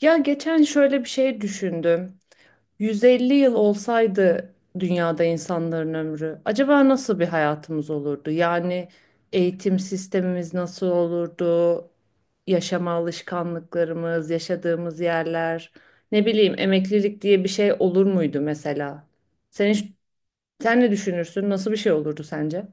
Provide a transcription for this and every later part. Ya geçen şöyle bir şey düşündüm. 150 yıl olsaydı dünyada insanların ömrü, acaba nasıl bir hayatımız olurdu? Yani eğitim sistemimiz nasıl olurdu? Yaşama alışkanlıklarımız, yaşadığımız yerler, ne bileyim emeklilik diye bir şey olur muydu mesela? Sen hiç, Sen ne düşünürsün? Nasıl bir şey olurdu sence?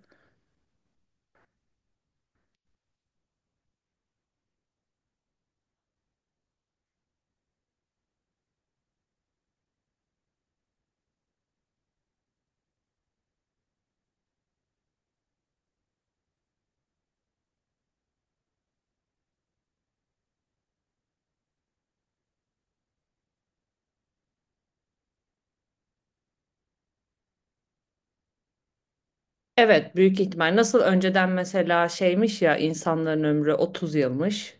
Evet, büyük ihtimal. Nasıl önceden mesela şeymiş ya insanların ömrü 30 yılmış.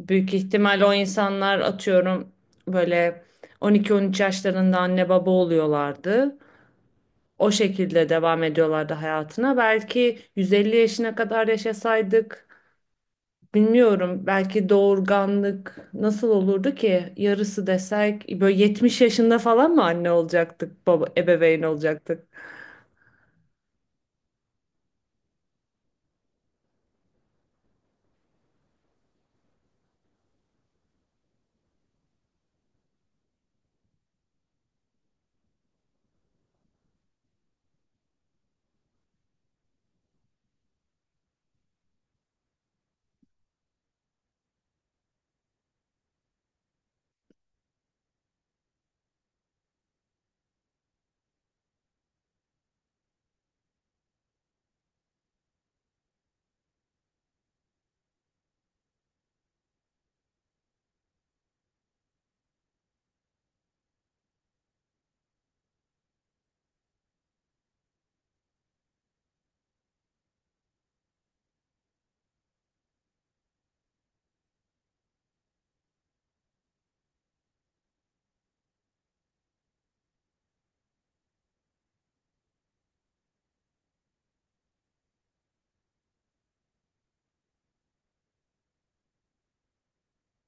Büyük ihtimal o insanlar atıyorum böyle 12-13 yaşlarında anne baba oluyorlardı. O şekilde devam ediyorlardı hayatına. Belki 150 yaşına kadar yaşasaydık bilmiyorum belki doğurganlık nasıl olurdu ki? Yarısı desek böyle 70 yaşında falan mı anne olacaktık, baba ebeveyn olacaktık?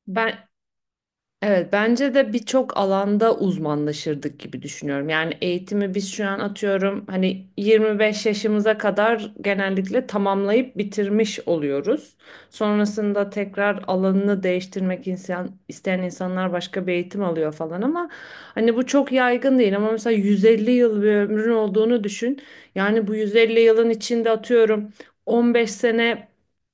Ben Evet, bence de birçok alanda uzmanlaşırdık gibi düşünüyorum. Yani eğitimi biz şu an atıyorum hani 25 yaşımıza kadar genellikle tamamlayıp bitirmiş oluyoruz. Sonrasında tekrar alanını değiştirmek insan, isteyen insanlar başka bir eğitim alıyor falan ama hani bu çok yaygın değil ama mesela 150 yıl bir ömrün olduğunu düşün. Yani bu 150 yılın içinde atıyorum 15 sene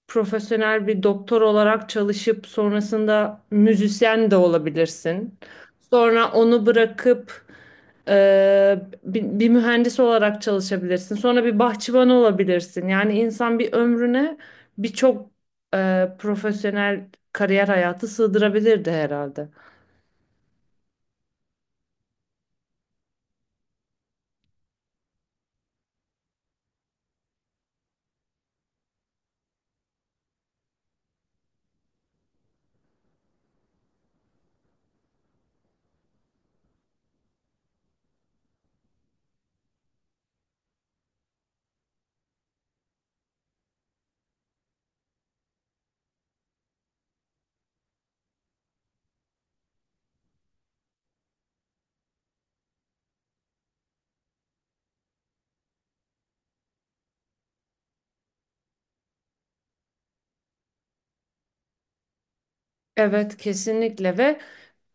profesyonel bir doktor olarak çalışıp sonrasında müzisyen de olabilirsin. Sonra onu bırakıp bir mühendis olarak çalışabilirsin. Sonra bir bahçıvan olabilirsin. Yani insan bir ömrüne birçok profesyonel kariyer hayatı sığdırabilirdi herhalde. Evet kesinlikle ve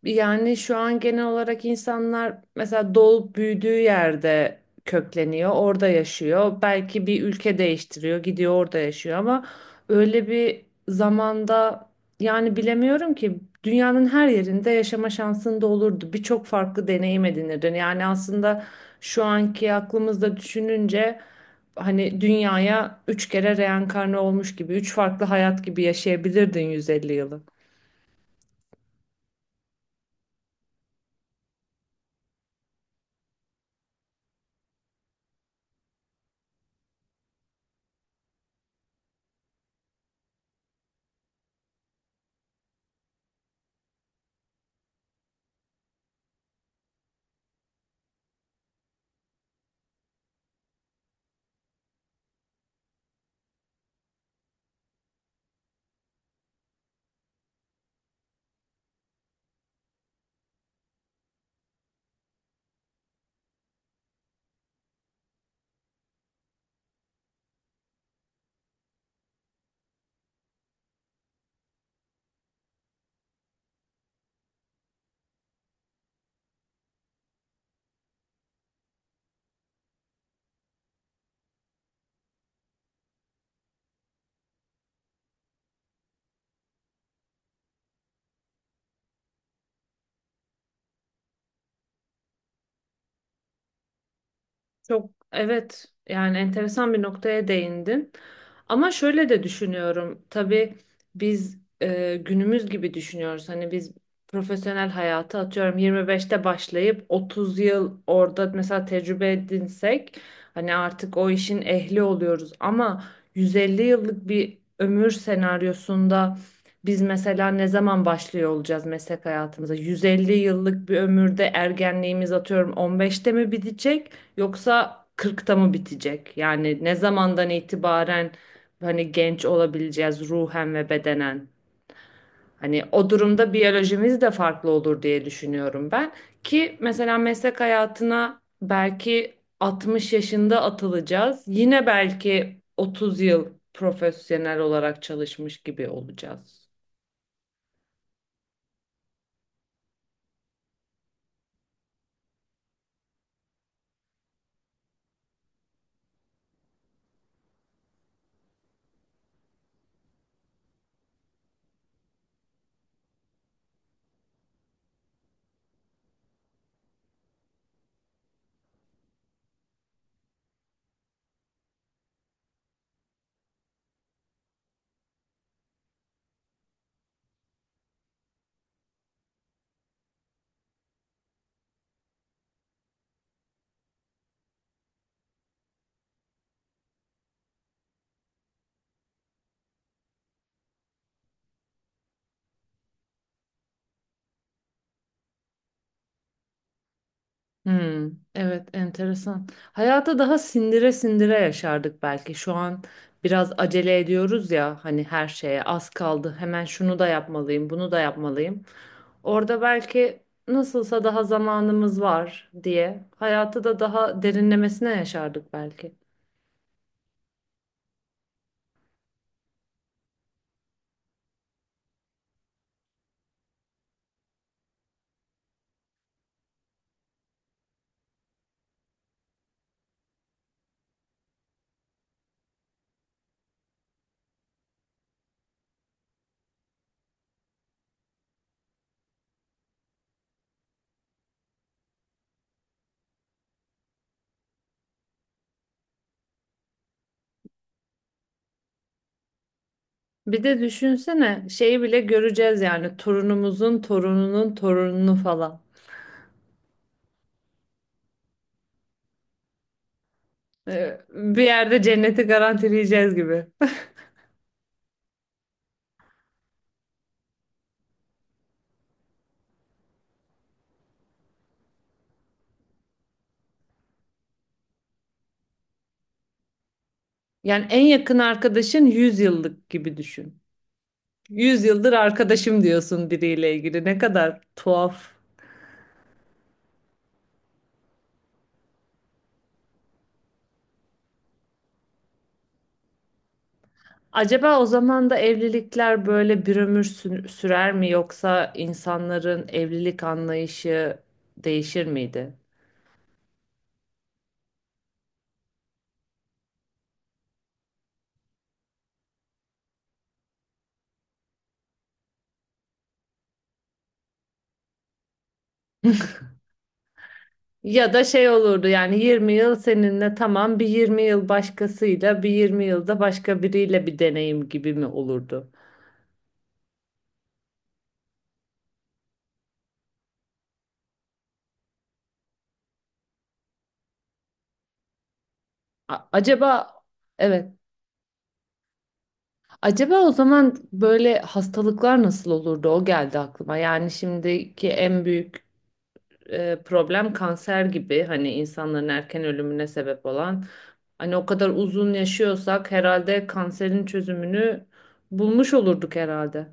yani şu an genel olarak insanlar mesela doğup büyüdüğü yerde kökleniyor, orada yaşıyor. Belki bir ülke değiştiriyor, gidiyor orada yaşıyor ama öyle bir zamanda yani bilemiyorum ki dünyanın her yerinde yaşama şansın da olurdu. Birçok farklı deneyim edinirdin. Yani aslında şu anki aklımızda düşününce hani dünyaya üç kere reenkarne olmuş gibi, üç farklı hayat gibi yaşayabilirdin 150 yılı. Çok evet yani enteresan bir noktaya değindin. Ama şöyle de düşünüyorum. Tabii biz günümüz gibi düşünüyoruz. Hani biz profesyonel hayatı atıyorum 25'te başlayıp 30 yıl orada mesela tecrübe edinsek hani artık o işin ehli oluyoruz. Ama 150 yıllık bir ömür senaryosunda biz mesela ne zaman başlıyor olacağız meslek hayatımıza? 150 yıllık bir ömürde ergenliğimiz atıyorum 15'te mi bitecek? Yoksa 40'ta mı bitecek? Yani ne zamandan itibaren hani genç olabileceğiz ruhen ve bedenen? Hani o durumda biyolojimiz de farklı olur diye düşünüyorum ben. Ki mesela meslek hayatına belki 60 yaşında atılacağız. Yine belki 30 yıl profesyonel olarak çalışmış gibi olacağız. Hmm, evet enteresan. Hayata daha sindire sindire yaşardık belki. Şu an biraz acele ediyoruz ya hani her şeye az kaldı. Hemen şunu da yapmalıyım, bunu da yapmalıyım. Orada belki nasılsa daha zamanımız var diye hayatı da daha derinlemesine yaşardık belki. Bir de düşünsene şeyi bile göreceğiz yani torunumuzun torununun torununu falan. Bir yerde cenneti garantileyeceğiz gibi. Yani en yakın arkadaşın 100 yıllık gibi düşün. 100 yıldır arkadaşım diyorsun biriyle ilgili. Ne kadar tuhaf. Acaba o zaman da evlilikler böyle bir ömür sürer mi yoksa insanların evlilik anlayışı değişir miydi? Ya da şey olurdu yani 20 yıl seninle tamam bir 20 yıl başkasıyla bir 20 yılda başka biriyle bir deneyim gibi mi olurdu? A- acaba evet. Acaba o zaman böyle hastalıklar nasıl olurdu? O geldi aklıma. Yani şimdiki en büyük problem kanser gibi hani insanların erken ölümüne sebep olan. Hani o kadar uzun yaşıyorsak herhalde kanserin çözümünü bulmuş olurduk herhalde.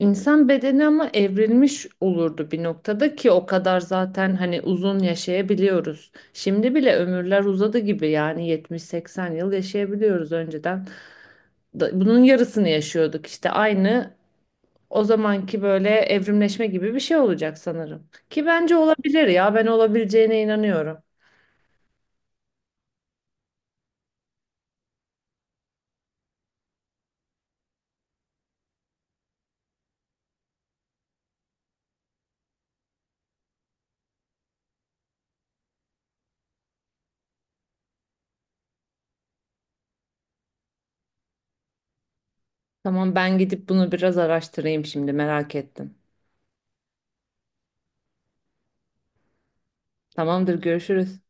İnsan bedeni ama evrilmiş olurdu bir noktada ki o kadar zaten hani uzun yaşayabiliyoruz. Şimdi bile ömürler uzadı gibi yani 70-80 yıl yaşayabiliyoruz önceden. Bunun yarısını yaşıyorduk işte aynı o zamanki böyle evrimleşme gibi bir şey olacak sanırım. Ki bence olabilir ya ben olabileceğine inanıyorum. Tamam ben gidip bunu biraz araştırayım şimdi merak ettim. Tamamdır görüşürüz.